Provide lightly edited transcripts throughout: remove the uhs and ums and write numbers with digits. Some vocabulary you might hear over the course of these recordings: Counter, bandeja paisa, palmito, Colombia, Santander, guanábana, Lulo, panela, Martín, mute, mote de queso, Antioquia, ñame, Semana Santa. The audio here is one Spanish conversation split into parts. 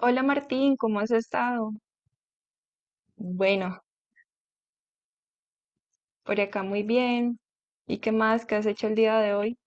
Hola Martín, ¿cómo has estado? Bueno, por acá muy bien. ¿Y qué más? ¿Qué has hecho el día de hoy?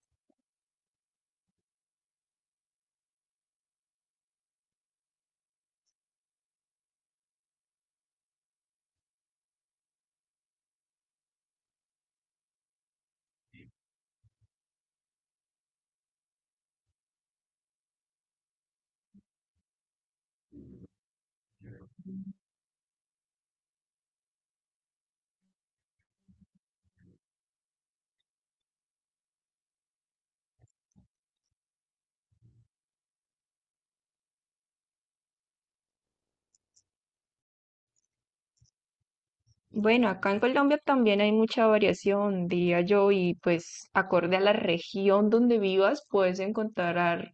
Bueno, acá en Colombia también hay mucha variación, diría yo, y pues acorde a la región donde vivas puedes encontrar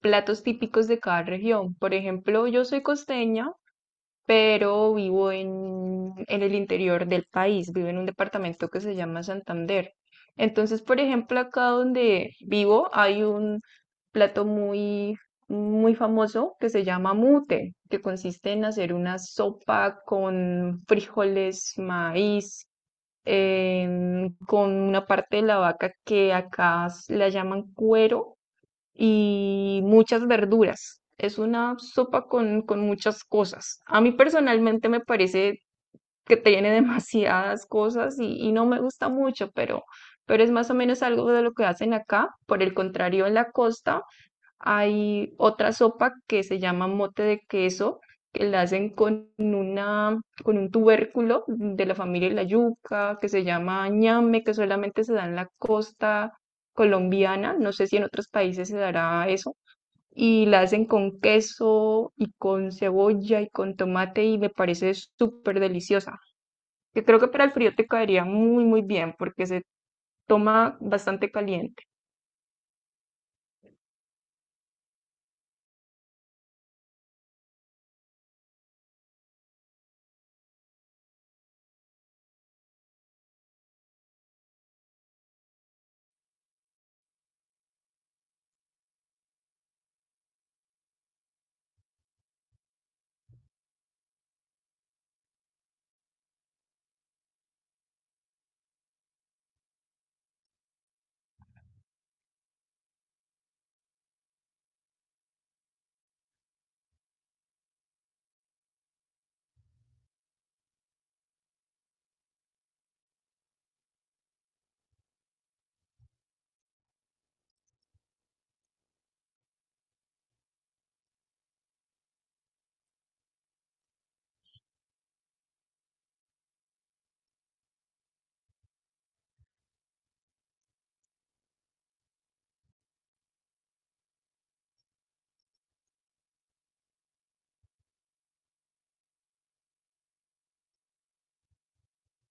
platos típicos de cada región. Por ejemplo, yo soy costeña pero vivo en el interior del país, vivo en un departamento que se llama Santander. Entonces, por ejemplo, acá donde vivo hay un plato muy famoso que se llama mute, que consiste en hacer una sopa con frijoles, maíz, con una parte de la vaca que acá la llaman cuero y muchas verduras. Es una sopa con muchas cosas. A mí personalmente me parece que tiene demasiadas cosas y no me gusta mucho, pero es más o menos algo de lo que hacen acá. Por el contrario, en la costa hay otra sopa que se llama mote de queso, que la hacen con un tubérculo de la familia de la yuca, que se llama ñame, que solamente se da en la costa colombiana. No sé si en otros países se dará eso y la hacen con queso y con cebolla y con tomate y me parece súper deliciosa. Que creo que para el frío te caería muy bien porque se toma bastante caliente.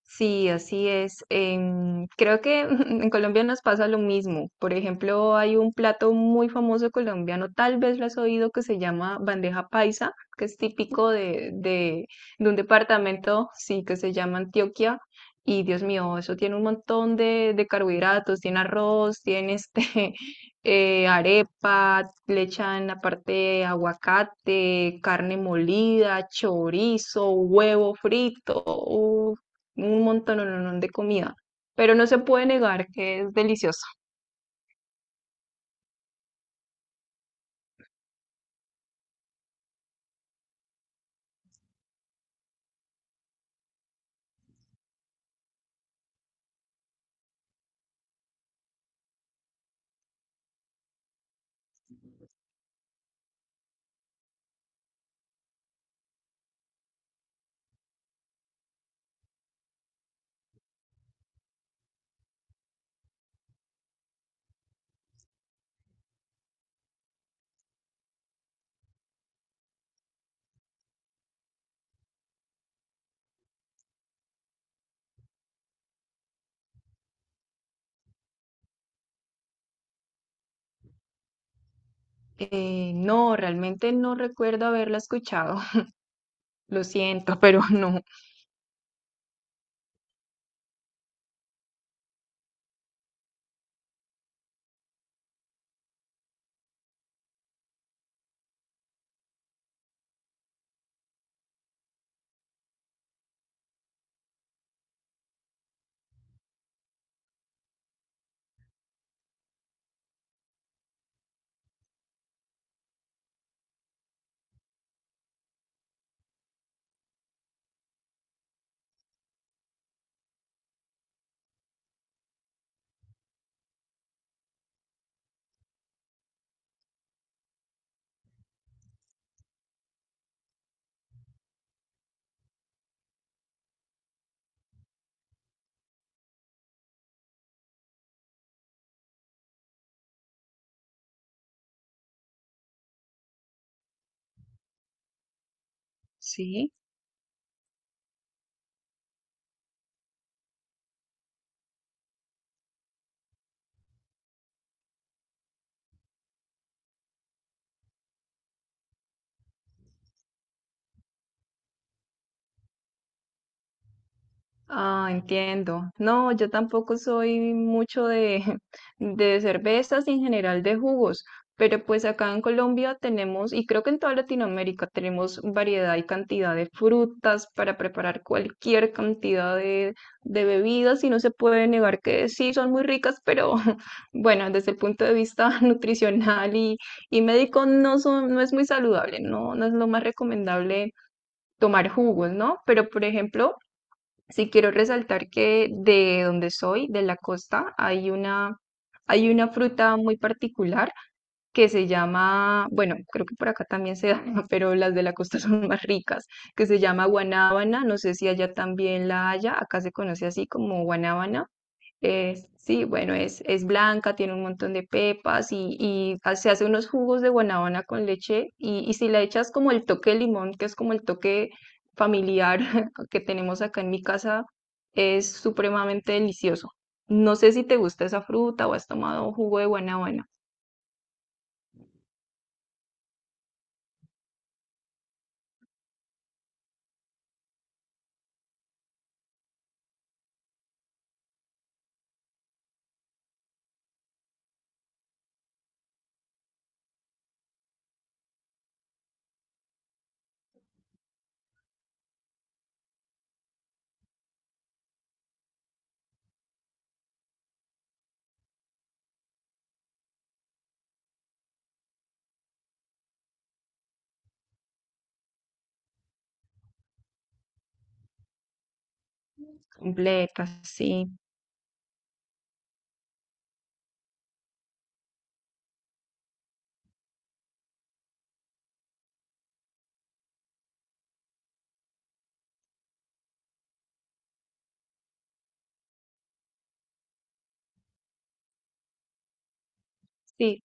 Sí, así es. Em, creo que en Colombia nos pasa lo mismo. Por ejemplo, hay un plato muy famoso colombiano, tal vez lo has oído, que se llama bandeja paisa, que es típico de un departamento, sí, que se llama Antioquia. Y Dios mío, eso tiene un montón de carbohidratos, tiene arroz, tiene este, arepa, le echan aparte aguacate, carne molida, chorizo, huevo frito un montón de comida, pero no se puede negar que es deliciosa. No, realmente no recuerdo haberla escuchado. Lo siento, pero no. Sí. Ah, entiendo. No, yo tampoco soy mucho de cervezas y en general de jugos, pero pues acá en Colombia tenemos, y creo que en toda Latinoamérica tenemos variedad y cantidad de frutas para preparar cualquier cantidad de bebidas y no se puede negar que sí son muy ricas, pero bueno, desde el punto de vista nutricional y médico no son, no es muy saludable, no, no es lo más recomendable tomar jugos, ¿no? Pero por ejemplo... Sí quiero resaltar que de donde soy, de la costa, hay una fruta muy particular que se llama, bueno, creo que por acá también se da, pero las de la costa son más ricas, que se llama guanábana, no sé si allá también la haya, acá se conoce así como guanábana. Sí, bueno, es blanca, tiene un montón de pepas y se hace unos jugos de guanábana con leche y si le echas como el toque de limón, que es como el toque familiar que tenemos acá en mi casa, es supremamente delicioso. No sé si te gusta esa fruta o has tomado jugo de guanábana completa, sí, sí.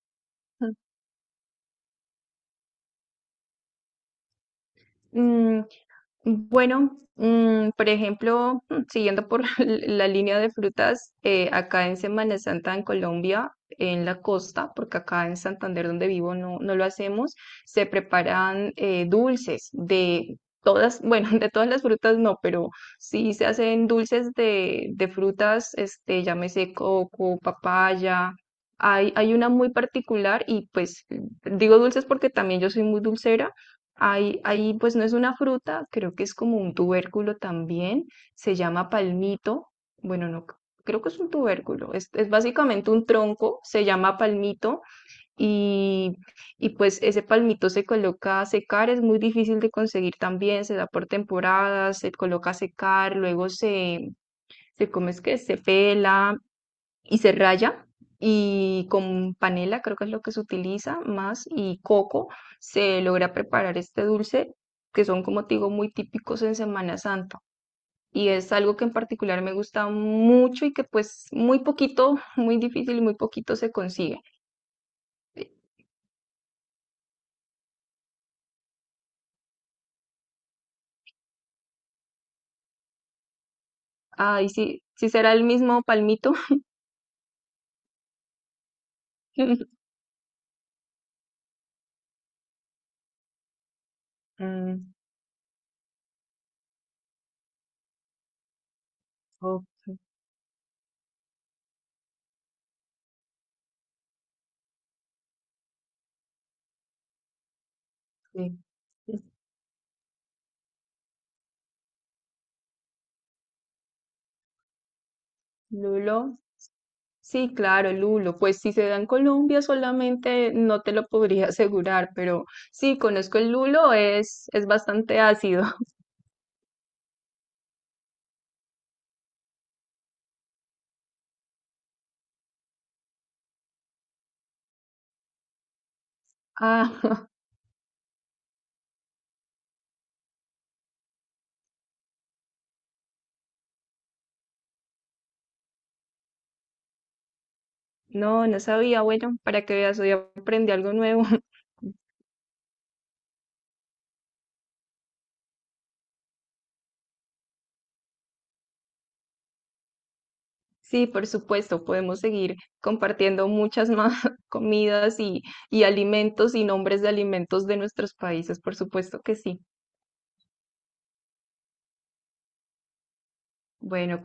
Bueno, por ejemplo, siguiendo por la línea de frutas, acá en Semana Santa en Colombia, en la costa, porque acá en Santander donde vivo no, no lo hacemos, se preparan dulces de todas, bueno, de todas las frutas no, pero sí se hacen dulces de frutas, este, llámese coco, papaya. Hay una muy particular y pues digo dulces porque también yo soy muy dulcera. Ahí pues no es una fruta, creo que es como un tubérculo también, se llama palmito, bueno, no, creo que es un tubérculo, es básicamente un tronco, se llama palmito y, y pues ese palmito se coloca a secar, es muy difícil de conseguir también, se da por temporadas, se coloca a secar, se come, es que se pela y se raya y con panela, creo que es lo que se utiliza más, y coco, se logra preparar este dulce que son, como te digo, muy típicos en Semana Santa. Y es algo que en particular me gusta mucho y que pues muy poquito, muy difícil y muy poquito se consigue. Ay, sí, sí será el mismo palmito. Mm, ok. Lulo, sí, claro, lulo. Pues si se da en Colombia solamente no te lo podría asegurar, pero sí, conozco el lulo, es bastante ácido. Ah, no, no sabía. Bueno, para que veas, hoy aprendí algo nuevo. Sí, por supuesto, podemos seguir compartiendo muchas más comidas y alimentos y nombres de alimentos de nuestros países, por supuesto que sí. Bueno,